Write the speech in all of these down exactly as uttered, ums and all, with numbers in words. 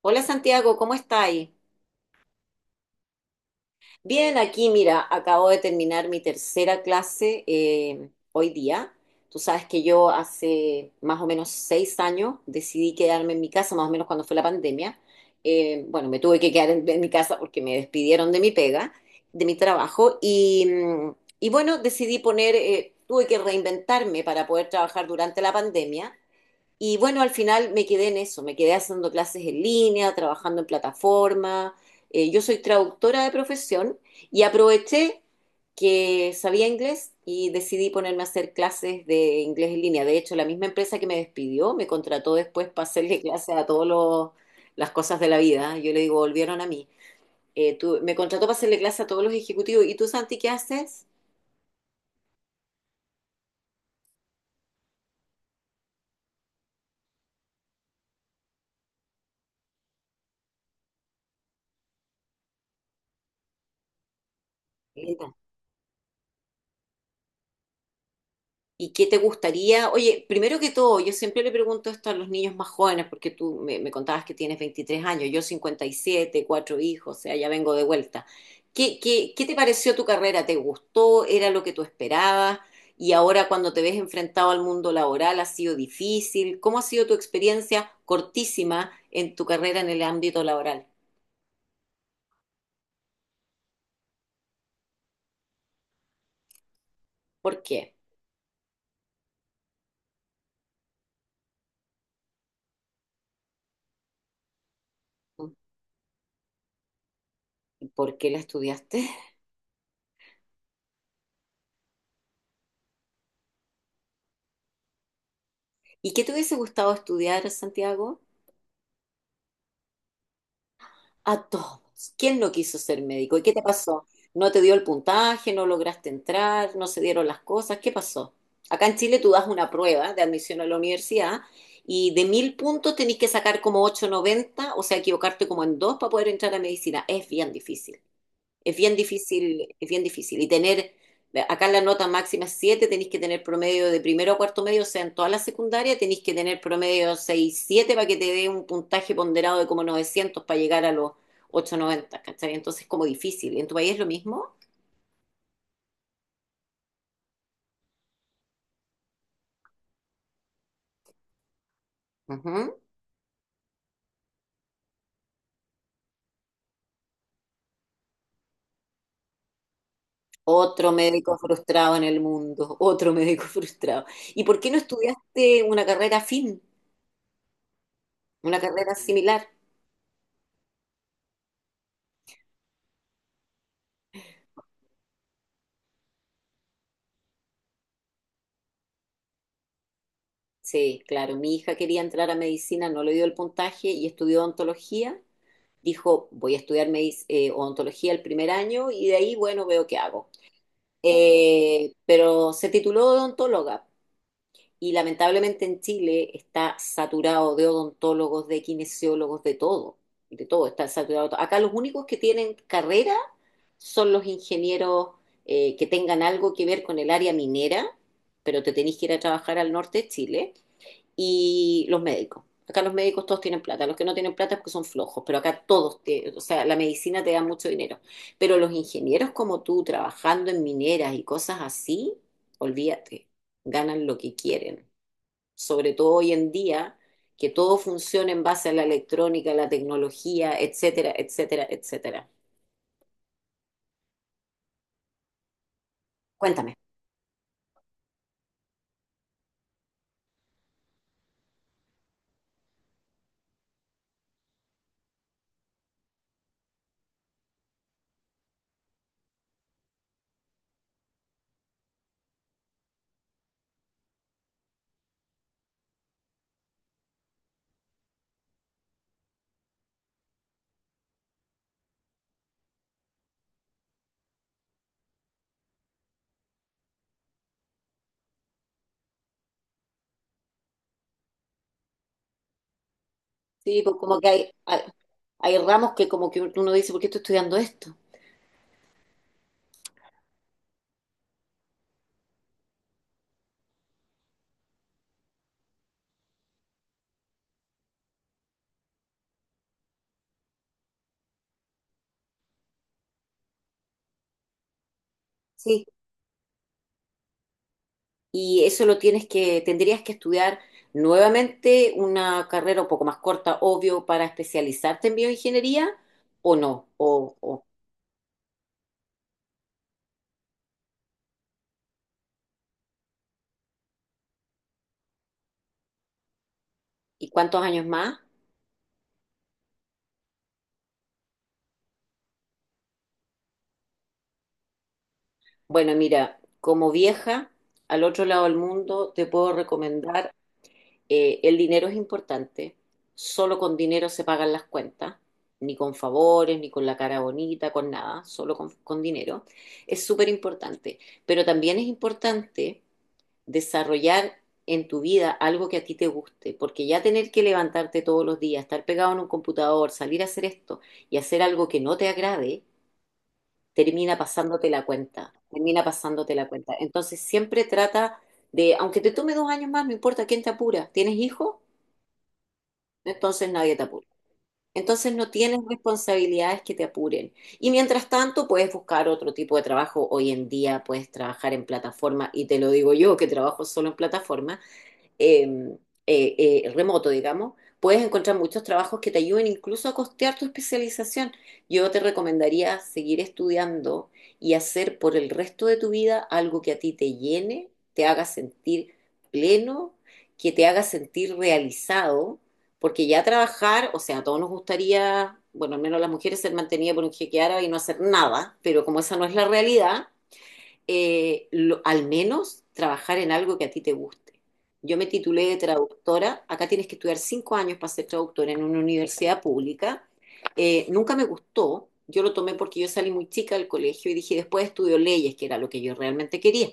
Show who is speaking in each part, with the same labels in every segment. Speaker 1: Hola Santiago, ¿cómo estáis? Bien, aquí mira, acabo de terminar mi tercera clase eh, hoy día. Tú sabes que yo hace más o menos seis años decidí quedarme en mi casa, más o menos cuando fue la pandemia. Eh, bueno, me tuve que quedar en, en mi casa porque me despidieron de mi pega, de mi trabajo. Y, mm, y bueno, decidí poner, eh, tuve que reinventarme para poder trabajar durante la pandemia. Y bueno, al final me quedé en eso, me quedé haciendo clases en línea, trabajando en plataforma. Eh, yo soy traductora de profesión y aproveché que sabía inglés y decidí ponerme a hacer clases de inglés en línea. De hecho, la misma empresa que me despidió me contrató después para hacerle clases a todas las cosas de la vida. Yo le digo, volvieron a mí. Eh, tú- me contrató para hacerle clases a todos los ejecutivos. ¿Y tú, Santi, qué haces? ¿Y qué te gustaría? Oye, primero que todo, yo siempre le pregunto esto a los niños más jóvenes, porque tú me, me contabas que tienes veintitrés años, yo cincuenta y siete, cuatro hijos, o sea, ya vengo de vuelta. ¿Qué, qué, qué te pareció tu carrera? ¿Te gustó? ¿Era lo que tú esperabas? Y ahora cuando te ves enfrentado al mundo laboral, ¿ha sido difícil? ¿Cómo ha sido tu experiencia cortísima en tu carrera en el ámbito laboral? ¿Por qué? ¿Por qué la estudiaste? ¿Y qué te hubiese gustado estudiar, Santiago? A todos. ¿Quién no quiso ser médico? ¿Y qué te pasó? ¿No te dio el puntaje? ¿No lograste entrar? ¿No se dieron las cosas? ¿Qué pasó? Acá en Chile tú das una prueba de admisión a la universidad y de mil puntos tenés que sacar como ochocientos noventa, o sea, equivocarte como en dos para poder entrar a medicina. Es bien difícil. Es bien difícil, es bien difícil. Y tener, acá la nota máxima es siete, tenéis que tener promedio de primero a cuarto medio, o sea, en toda la secundaria tenéis que tener promedio seis siete para que te dé un puntaje ponderado de como novecientos para llegar a los ochocientos noventa, ¿cachai? Entonces es como difícil. ¿En tu país es lo mismo? Ujú. Otro médico frustrado en el mundo, otro médico frustrado. ¿Y por qué no estudiaste una carrera afín, una carrera similar? Sí, claro, mi hija quería entrar a medicina, no le dio el puntaje y estudió odontología, dijo, voy a estudiar medic- eh, odontología el primer año y de ahí, bueno, veo qué hago. Eh, pero se tituló odontóloga y lamentablemente en Chile está saturado de odontólogos, de kinesiólogos, de todo, de todo, está saturado. Acá los únicos que tienen carrera son los ingenieros eh, que tengan algo que ver con el área minera, pero te tenés que ir a trabajar al norte de Chile y los médicos. Acá los médicos todos tienen plata, los que no tienen plata es porque son flojos, pero acá todos, te- o sea, la medicina te da mucho dinero. Pero los ingenieros como tú, trabajando en mineras y cosas así, olvídate, ganan lo que quieren. Sobre todo hoy en día, que todo funciona en base a la electrónica, la tecnología, etcétera, etcétera, etcétera. Cuéntame. Sí, pues como que hay, hay, hay ramos que como que uno dice, ¿por qué estoy estudiando esto? Sí. Y eso lo tienes que, tendrías que estudiar nuevamente una carrera un poco más corta, obvio, para especializarte en bioingeniería o no. O, o- ¿y cuántos años más? Bueno, mira, como vieja al otro lado del mundo te puedo recomendar, eh, el dinero es importante, solo con dinero se pagan las cuentas. Ni con favores, ni con la cara bonita, con nada, solo con, con dinero. Es súper importante. Pero también es importante desarrollar en tu vida algo que a ti te guste, porque ya tener que levantarte todos los días, estar pegado en un computador, salir a hacer esto y hacer algo que no te agrade, termina pasándote la cuenta, termina pasándote la cuenta. Entonces siempre trata de, aunque te tome dos años más, no importa quién te apura, ¿tienes hijos? Entonces nadie te apura. Entonces no tienes responsabilidades que te apuren. Y mientras tanto puedes buscar otro tipo de trabajo. Hoy en día puedes trabajar en plataforma y te lo digo yo que trabajo solo en plataforma eh, eh, eh, remoto, digamos, puedes encontrar muchos trabajos que te ayuden incluso a costear tu especialización. Yo te recomendaría seguir estudiando y hacer por el resto de tu vida algo que a ti te llene, te haga sentir pleno, que te haga sentir realizado, porque ya trabajar, o sea, a todos nos gustaría, bueno, al menos las mujeres ser mantenidas por un jeque árabe y no hacer nada, pero como esa no es la realidad, eh, lo- al menos trabajar en algo que a ti te guste. Yo me titulé de traductora, acá tienes que estudiar cinco años para ser traductora en una universidad pública. Eh, nunca me gustó, yo lo tomé porque yo salí muy chica del colegio y dije, después estudio leyes, que era lo que yo realmente quería.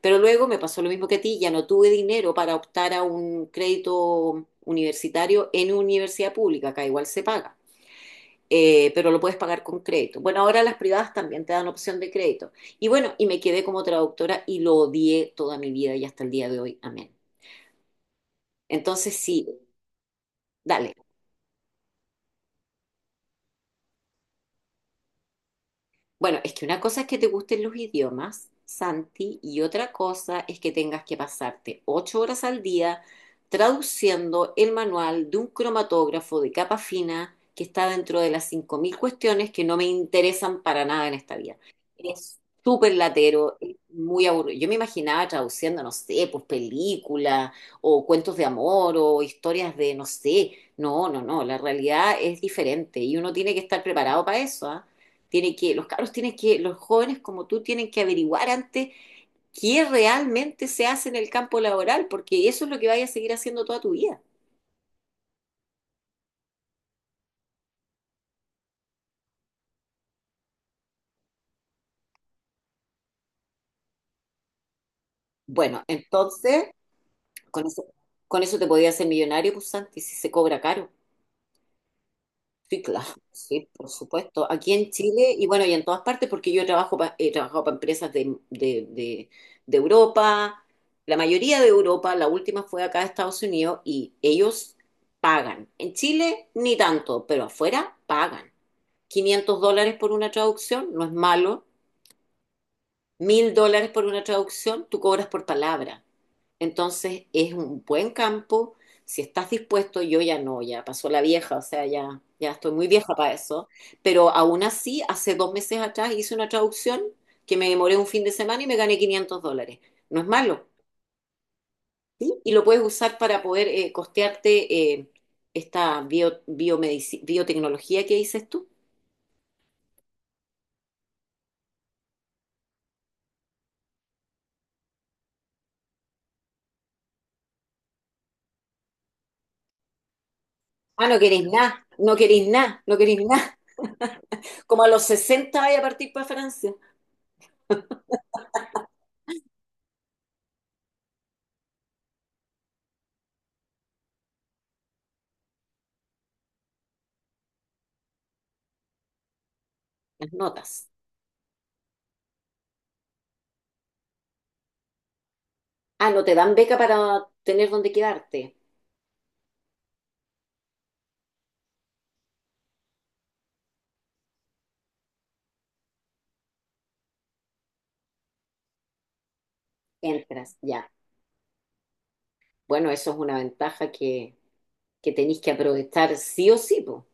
Speaker 1: Pero luego me pasó lo mismo que a ti, ya no tuve dinero para optar a un crédito universitario en universidad pública, acá igual se paga eh, pero lo puedes pagar con crédito. Bueno, ahora las privadas también te dan opción de crédito. Y bueno, y me quedé como traductora y lo odié toda mi vida y hasta el día de hoy. Amén. Entonces, sí, dale. Bueno, es que una cosa es que te gusten los idiomas, Santi, y otra cosa es que tengas que pasarte ocho horas al día traduciendo el manual de un cromatógrafo de capa fina que está dentro de las cinco mil cuestiones que no me interesan para nada en esta vida. Es súper latero, es muy aburrido. Yo me imaginaba traduciendo, no sé, pues películas o cuentos de amor o historias de, no sé. No, no, no, la realidad es diferente y uno tiene que estar preparado para eso, ¿ah? Tiene que, los cabros tienen que, los jóvenes como tú tienen que averiguar antes qué realmente se hace en el campo laboral, porque eso es lo que vayas a seguir haciendo toda tu vida. Bueno, entonces, con eso, con eso te podías hacer millonario, pues Santi, si se cobra caro. Sí, claro, sí, por supuesto. Aquí en Chile y bueno, y en todas partes, porque yo trabajo pa- he trabajado para empresas de, de, de- de Europa, la mayoría de Europa, la última fue acá de Estados Unidos y ellos pagan. En Chile ni tanto, pero afuera pagan. Quinientos dólares por una traducción, no es malo. Mil dólares por una traducción, tú cobras por palabra. Entonces es un buen campo. Si estás dispuesto, yo ya no, ya pasó la vieja, o sea, ya, ya estoy muy vieja para eso. Pero aún así, hace dos meses atrás hice una traducción que me demoré un fin de semana y me gané quinientos dólares. No es malo. ¿Sí? Y lo puedes usar para poder eh, costearte eh, esta bio- biomedici- biotecnología que dices tú. Ah, no queréis nada, no queréis nada, no queréis nada. Como a los sesenta vaya a partir para Francia. Las notas. Ah, no te dan beca para tener donde quedarte. Entras, ya. Bueno, eso es una ventaja que, que tenéis que aprovechar sí o sí, po.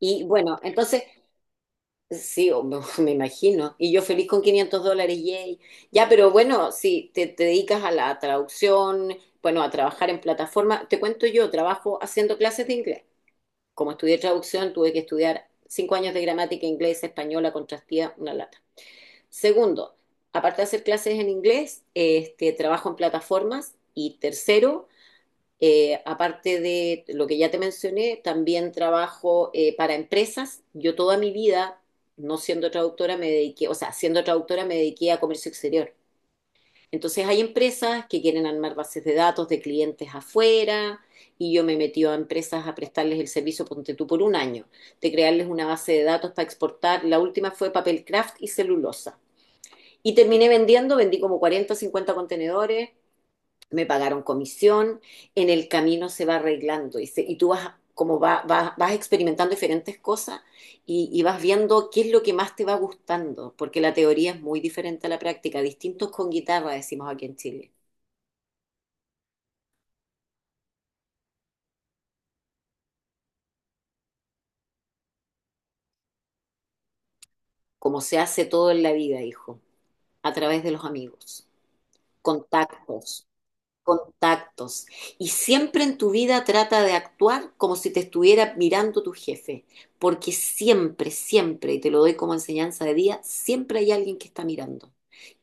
Speaker 1: Y bueno, entonces, sí, o- me imagino. Y yo feliz con quinientos dólares, yay. Ya, pero bueno, si te, te dedicas a la traducción, bueno, a trabajar en plataforma, te cuento yo, trabajo haciendo clases de inglés. Como estudié traducción, tuve que estudiar cinco años de gramática inglesa, española, contrastía, una lata. Segundo, aparte de hacer clases en inglés, este, trabajo en plataformas. Y tercero, eh, aparte de lo que ya te mencioné, también trabajo eh, para empresas. Yo toda mi vida, no siendo traductora, me dediqué, o sea, siendo traductora me dediqué a comercio exterior. Entonces hay empresas que quieren armar bases de datos de clientes afuera y yo me metí a empresas a prestarles el servicio, ponte tú, por un año, de crearles una base de datos para exportar. La última fue papel craft y celulosa. Y terminé vendiendo, vendí como cuarenta o cincuenta contenedores, me pagaron comisión, en el camino se va arreglando y, se- y tú vas como va- va- vas experimentando diferentes cosas y, y vas viendo qué es lo que más te va gustando, porque la teoría es muy diferente a la práctica, distintos con guitarra, decimos aquí en Chile, como se hace todo en la vida, hijo, a través de los amigos, contactos. Contactos. Y siempre en tu vida trata de actuar como si te estuviera mirando tu jefe, porque siempre, siempre, y te lo doy como enseñanza de día, siempre hay alguien que está mirando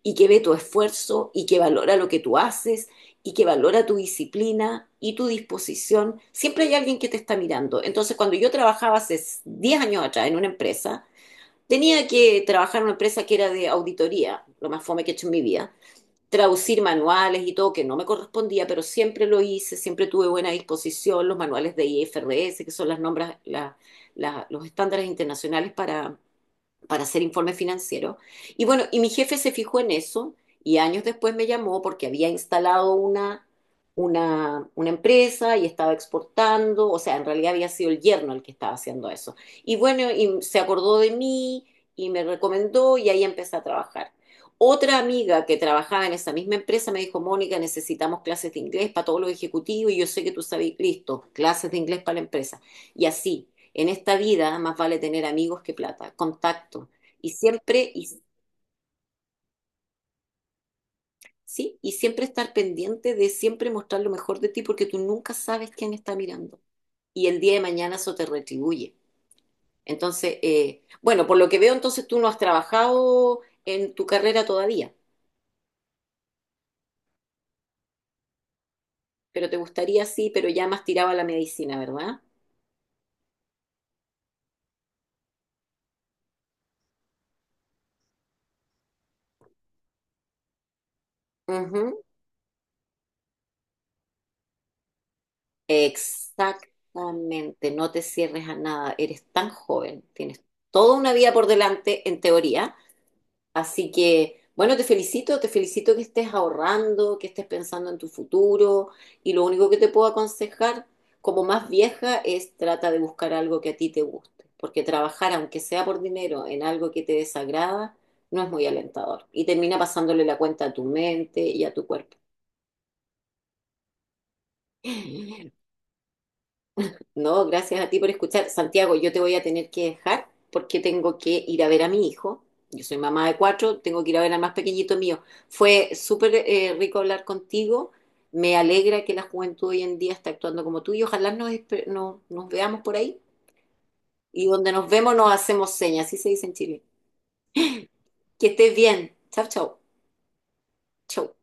Speaker 1: y que ve tu esfuerzo y que valora lo que tú haces y que valora tu disciplina y tu disposición. Siempre hay alguien que te está mirando. Entonces, cuando yo trabajaba hace diez años atrás en una empresa, tenía que trabajar en una empresa que era de auditoría, lo más fome que he hecho en mi vida traducir manuales y todo, que no me correspondía, pero siempre lo hice, siempre tuve buena disposición, los manuales de I F R S, que son las nombras, la- la- los estándares internacionales para, para hacer informe financiero. Y bueno, y mi jefe se fijó en eso y años después me llamó porque había instalado una, una, una empresa y estaba exportando, o sea, en realidad había sido el yerno el que estaba haciendo eso. Y bueno, y se acordó de mí y me recomendó y ahí empecé a trabajar. Otra amiga que trabajaba en esa misma empresa me dijo, Mónica, necesitamos clases de inglés para todos los ejecutivos y yo sé que tú sabes, listo, clases de inglés para la empresa. Y así, en esta vida más vale tener amigos que plata, contacto. Y siempre, y, sí, y siempre estar pendiente de siempre mostrar lo mejor de ti porque tú nunca sabes quién está mirando. Y el día de mañana eso te retribuye. Entonces, eh, bueno, por lo que veo, entonces tú no has trabajado en tu carrera todavía, pero te gustaría sí, pero ya más tiraba la medicina, ¿verdad? Ujú. Exactamente, no te cierres a nada, eres tan joven, tienes toda una vida por delante en teoría. Así que, bueno, te felicito, te felicito que estés ahorrando, que estés pensando en tu futuro y lo único que te puedo aconsejar como más vieja es trata de buscar algo que a ti te guste, porque trabajar, aunque sea por dinero, en algo que te desagrada, no es muy alentador y termina pasándole la cuenta a tu mente y a tu cuerpo. No, gracias a ti por escuchar. Santiago, yo te voy a tener que dejar porque tengo que ir a ver a mi hijo. Yo soy mamá de cuatro, tengo que ir a ver al más pequeñito mío. Fue súper eh, rico hablar contigo. Me alegra que la juventud hoy en día está actuando como tú y ojalá nos, espe- no- nos veamos por ahí. Y donde nos vemos nos hacemos señas, así se dice en Chile. Que estés bien. Chau, chau, Chau.